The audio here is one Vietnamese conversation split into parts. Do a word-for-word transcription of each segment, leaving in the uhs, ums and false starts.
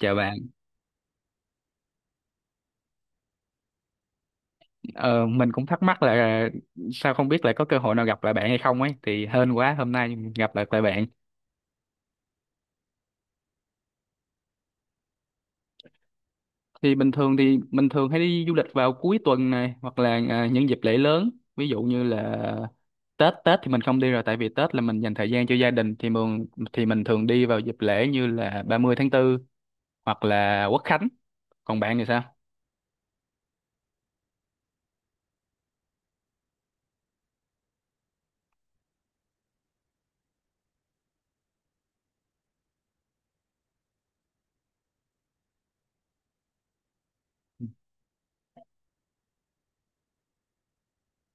Chào bạn, ờ, mình cũng thắc mắc là sao không biết là có cơ hội nào gặp lại bạn hay không ấy thì hên quá hôm nay gặp lại lại bạn. Thì bình thường thì mình thường hay đi du lịch vào cuối tuần này hoặc là à, những dịp lễ lớn, ví dụ như là Tết Tết thì mình không đi rồi tại vì Tết là mình dành thời gian cho gia đình thì mình thì mình thường đi vào dịp lễ như là ba mươi tháng tư hoặc là Quốc Khánh. Còn bạn thì sao?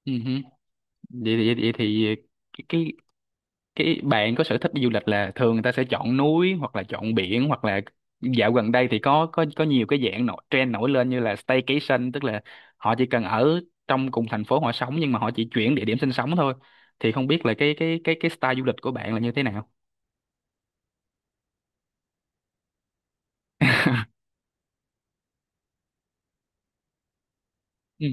Ừ hử. Vậy thì vậy thì cái cái bạn có sở thích đi du lịch là thường người ta sẽ chọn núi hoặc là chọn biển hoặc là dạo gần đây thì có có có nhiều cái dạng nổi trend nổi lên như là staycation, tức là họ chỉ cần ở trong cùng thành phố họ sống nhưng mà họ chỉ chuyển địa điểm sinh sống thôi thì không biết là cái cái cái cái style du lịch của bạn là như thế nào. Ừ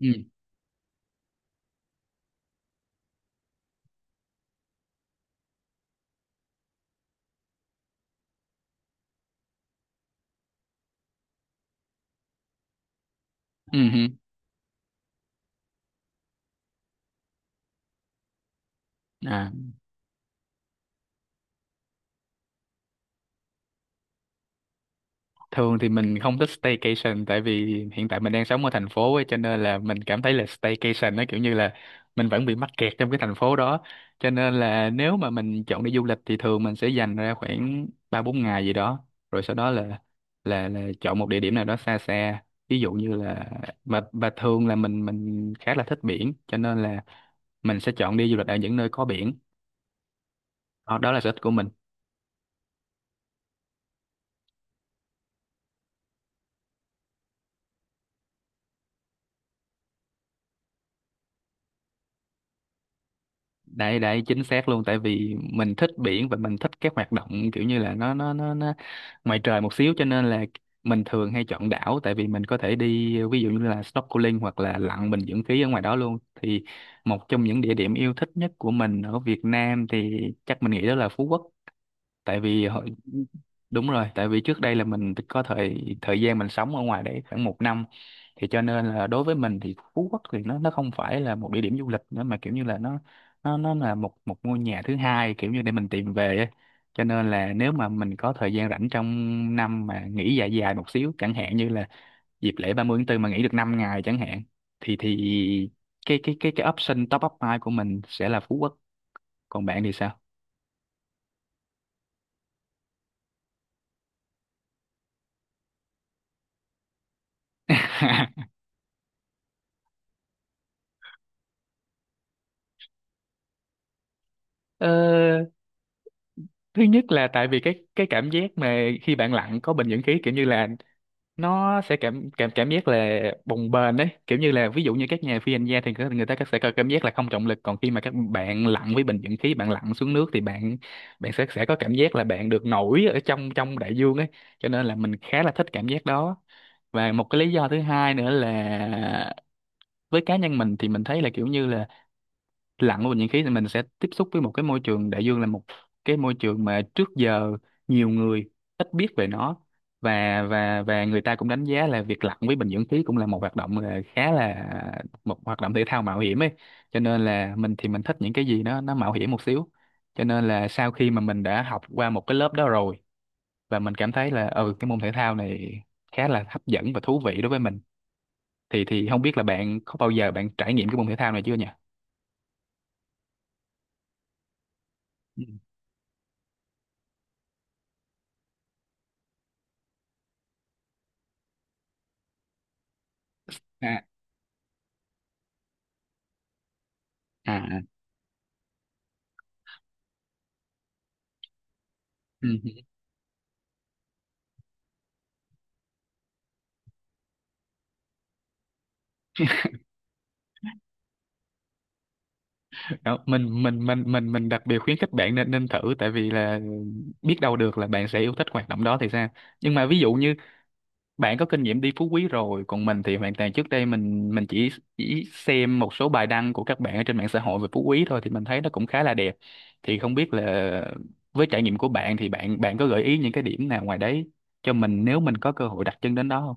ừ ừ ừ. À. Thường thì mình không thích staycation tại vì hiện tại mình đang sống ở thành phố ấy, cho nên là mình cảm thấy là staycation nó kiểu như là mình vẫn bị mắc kẹt trong cái thành phố đó. Cho nên là nếu mà mình chọn đi du lịch thì thường mình sẽ dành ra khoảng ba bốn ngày gì đó. Rồi sau đó là là là chọn một địa điểm nào đó xa xa. Ví dụ như là và và thường là mình mình khá là thích biển cho nên là mình sẽ chọn đi du lịch ở những nơi có biển. Đó, đó là sở thích của mình. Đấy đấy chính xác luôn tại vì mình thích biển và mình thích các hoạt động kiểu như là nó nó nó nó ngoài trời một xíu cho nên là mình thường hay chọn đảo tại vì mình có thể đi ví dụ như là snorkeling hoặc là lặn bình dưỡng khí ở ngoài đó luôn thì một trong những địa điểm yêu thích nhất của mình ở Việt Nam thì chắc mình nghĩ đó là Phú Quốc. tại vì hồi, Đúng rồi, tại vì trước đây là mình có thời thời gian mình sống ở ngoài đấy khoảng một năm thì cho nên là đối với mình thì Phú Quốc thì nó nó không phải là một địa điểm du lịch nữa mà kiểu như là nó nó nó là một một ngôi nhà thứ hai kiểu như để mình tìm về ấy. Cho nên là nếu mà mình có thời gian rảnh trong năm mà nghỉ dài dài một xíu chẳng hạn như là dịp lễ ba mươi tháng tư mà nghỉ được năm ngày chẳng hạn thì thì cái cái cái cái option top up hai của mình sẽ là Phú Quốc. Còn bạn thì sao? Ờ, thứ nhất là tại vì cái cái cảm giác mà khi bạn lặn có bình dưỡng khí kiểu như là nó sẽ cảm cảm cảm giác là bồng bềnh đấy, kiểu như là ví dụ như các nhà phi hành gia thì người người ta sẽ có cảm giác là không trọng lực, còn khi mà các bạn lặn với bình dưỡng khí bạn lặn xuống nước thì bạn bạn sẽ sẽ có cảm giác là bạn được nổi ở trong trong đại dương ấy, cho nên là mình khá là thích cảm giác đó. Và một cái lý do thứ hai nữa là với cá nhân mình thì mình thấy là kiểu như là lặn vào bình nhiệt khí thì mình sẽ tiếp xúc với một cái môi trường đại dương là một cái môi trường mà trước giờ nhiều người ít biết về nó, và và và người ta cũng đánh giá là việc lặn với bình dưỡng khí cũng là một hoạt động là khá là một hoạt động thể thao mạo hiểm ấy, cho nên là mình thì mình thích những cái gì nó nó mạo hiểm một xíu. Cho nên là sau khi mà mình đã học qua một cái lớp đó rồi và mình cảm thấy là ừ cái môn thể thao này khá là hấp dẫn và thú vị đối với mình thì thì không biết là bạn có bao giờ bạn trải nghiệm cái môn thể thao này chưa nhỉ? Ừ. À à à. Ừ. Đó, mình mình mình mình mình đặc biệt khuyến khích bạn nên nên thử tại vì là biết đâu được là bạn sẽ yêu thích hoạt động đó thì sao. Nhưng mà ví dụ như bạn có kinh nghiệm đi Phú Quý rồi còn mình thì hoàn toàn trước đây mình mình chỉ chỉ xem một số bài đăng của các bạn ở trên mạng xã hội về Phú Quý thôi thì mình thấy nó cũng khá là đẹp thì không biết là với trải nghiệm của bạn thì bạn bạn có gợi ý những cái điểm nào ngoài đấy cho mình nếu mình có cơ hội đặt chân đến đó không?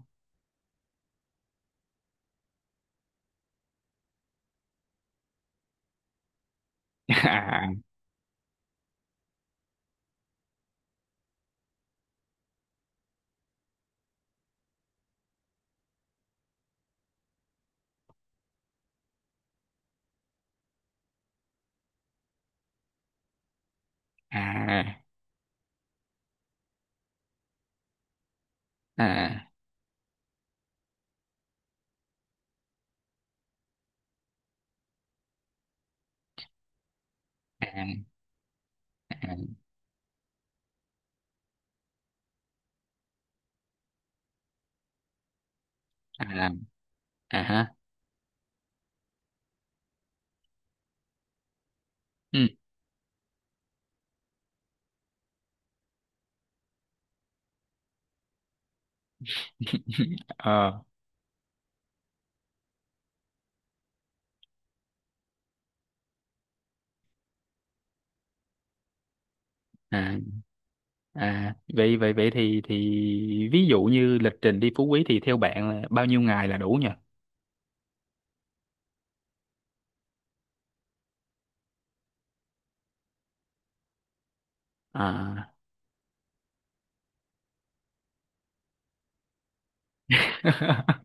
À à à à à à, à, ha. Ừ. Ờ à à vậy vậy vậy thì thì ví dụ như lịch trình đi Phú Quý thì theo bạn là bao nhiêu ngày là đủ nhỉ? À.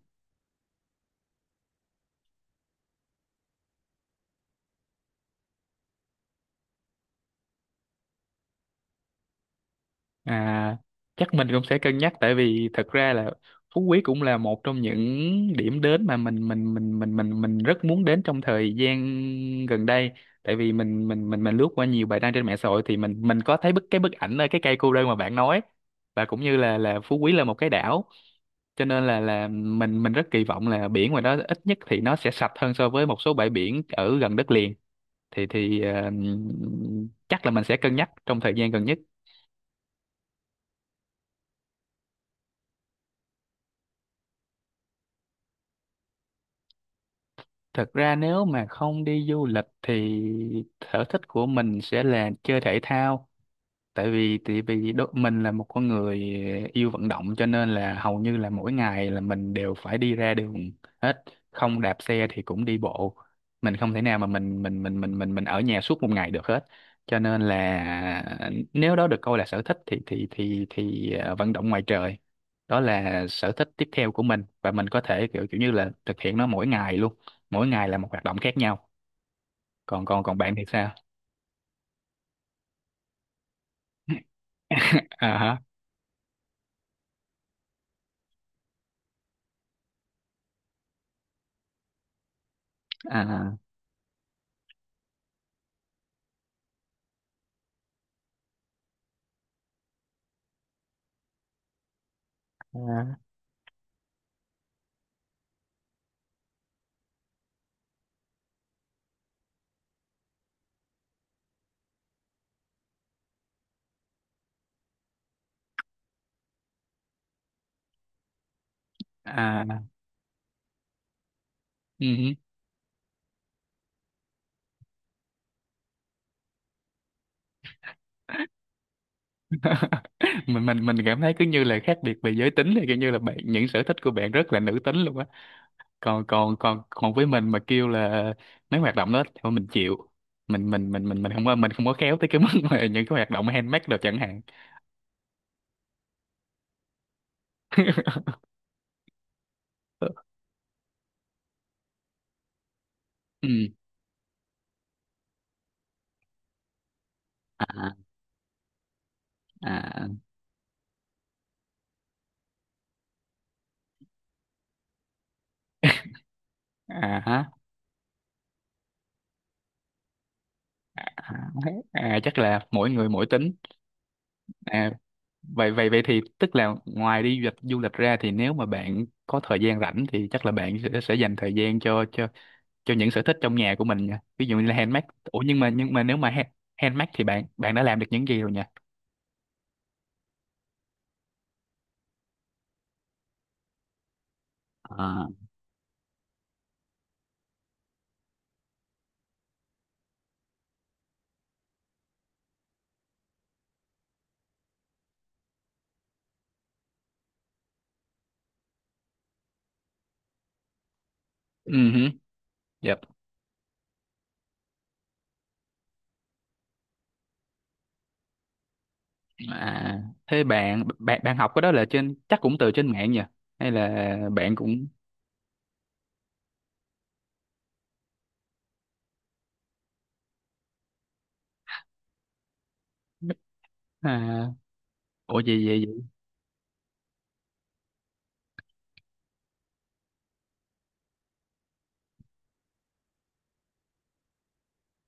À, chắc mình cũng sẽ cân nhắc tại vì thật ra là Phú Quý cũng là một trong những điểm đến mà mình mình mình mình mình mình rất muốn đến trong thời gian gần đây tại vì mình mình mình mình lướt qua nhiều bài đăng trên mạng xã hội thì mình mình có thấy bức cái bức ảnh ở cái cây cô đơn mà bạn nói, và cũng như là là Phú Quý là một cái đảo cho nên là là mình mình rất kỳ vọng là biển ngoài đó ít nhất thì nó sẽ sạch hơn so với một số bãi biển ở gần đất liền thì thì ờ, chắc là mình sẽ cân nhắc trong thời gian gần nhất. Thật ra nếu mà không đi du lịch thì sở thích của mình sẽ là chơi thể thao tại vì tại vì đố- mình là một con người yêu vận động cho nên là hầu như là mỗi ngày là mình đều phải đi ra đường hết, không đạp xe thì cũng đi bộ, mình không thể nào mà mình mình mình mình mình mình ở nhà suốt một ngày được hết cho nên là nếu đó được coi là sở thích thì thì thì thì ờ, vận động ngoài trời, đó là sở thích tiếp theo của mình và mình có thể kiểu kiểu như là thực hiện nó mỗi ngày luôn, mỗi ngày là một hoạt động khác nhau. Còn còn Còn bạn thì sao? À hả? À à, à. Ừ. Mình mình mình cảm thấy cứ như là khác biệt về giới tính thì kiểu như là bạn những sở thích của bạn rất là nữ tính luôn á, còn còn còn còn với mình mà kêu là mấy hoạt động đó thì thôi mình chịu, mình mình mình mình mình không có mình không có khéo tới cái mức mà những cái hoạt động handmade được chẳng hạn. Ừ. À à à hả? À, à, chắc là mỗi người mỗi tính. À vậy vậy vậy thì tức là ngoài đi du lịch du lịch ra thì nếu mà bạn có thời gian rảnh thì chắc là bạn sẽ, sẽ dành thời gian cho cho cho những sở thích trong nhà của mình nha, ví dụ như là handmade. Ủa, nhưng mà nhưng mà nếu mà ha- handmade thì bạn bạn đã làm được những gì rồi nha? À, ừ hử, yep. À, thế bạn bạn bạn học cái đó là trên chắc cũng từ trên mạng nhỉ, hay là bạn cũng à, ủa gì vậy vậy?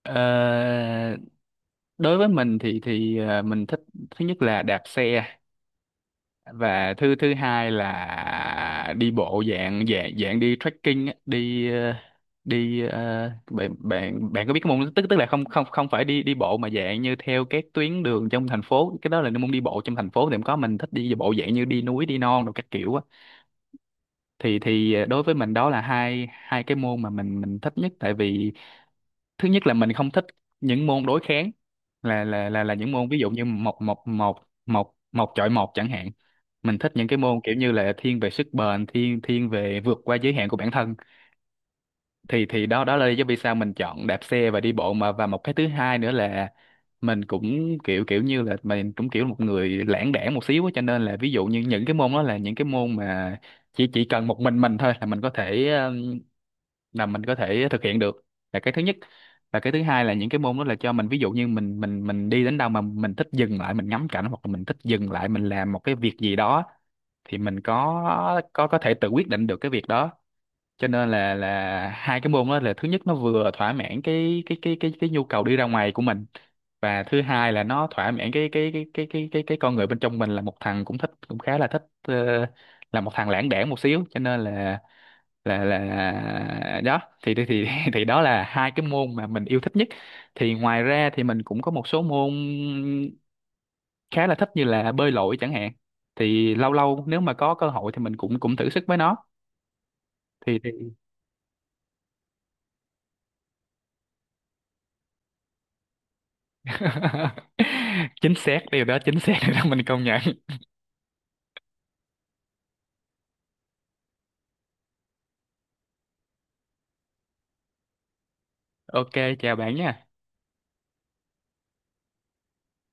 Ờ, đối với mình thì thì à, mình thích, thứ nhất là đạp xe và thứ thứ hai là đi bộ dạng dạng dạng đi trekking á, đi ờ, đi ờ, bạn bạn bạn có biết cái môn, tức tức là không không không phải đi đi bộ mà dạng như theo các tuyến đường trong thành phố, cái đó là môn đi bộ trong thành phố thì cũng có, mình thích đi bộ dạng như đi núi đi non đồ các kiểu á, thì thì ờ, đối với mình đó là hai hai cái môn mà mình mình thích nhất tại vì thứ nhất là mình không thích những môn đối kháng, là là là là những môn ví dụ như một một một một một chọi một chẳng hạn, mình thích những cái môn kiểu như là thiên về sức bền, thiên thiên về vượt qua giới hạn của bản thân thì thì đó đó là lý do vì sao mình chọn đạp xe và đi bộ. Mà và một cái thứ hai nữa là mình cũng kiểu kiểu như là mình cũng kiểu một người lãng đãng một xíu á, cho nên là ví dụ như những cái môn đó là những cái môn mà chỉ chỉ cần một mình mình thôi là mình có thể, là mình có thể thực hiện được, là cái thứ nhất. Và cái thứ hai là những cái môn đó là cho mình ví dụ như mình mình mình đi đến đâu mà mình thích dừng lại mình ngắm cảnh hoặc là mình thích dừng lại mình làm một cái việc gì đó thì mình có có có thể tự quyết định được cái việc đó, cho nên là là hai cái môn đó là, thứ nhất nó vừa thỏa mãn cái cái cái cái cái nhu cầu đi ra ngoài của mình, và thứ hai là nó thỏa mãn cái cái cái cái cái cái cái con người bên trong mình, là một thằng cũng thích cũng khá là thích ờ, là một thằng lãng đãng một xíu, cho nên là là là đó thì thì thì thì đó là hai cái môn mà mình yêu thích nhất. Thì ngoài ra thì mình cũng có một số môn khá là thích như là bơi lội chẳng hạn, thì lâu lâu nếu mà có cơ hội thì mình cũng cũng thử sức với nó. thì, thì... Chính xác điều đó, chính xác điều đó, mình công nhận. Ok, chào bạn nha.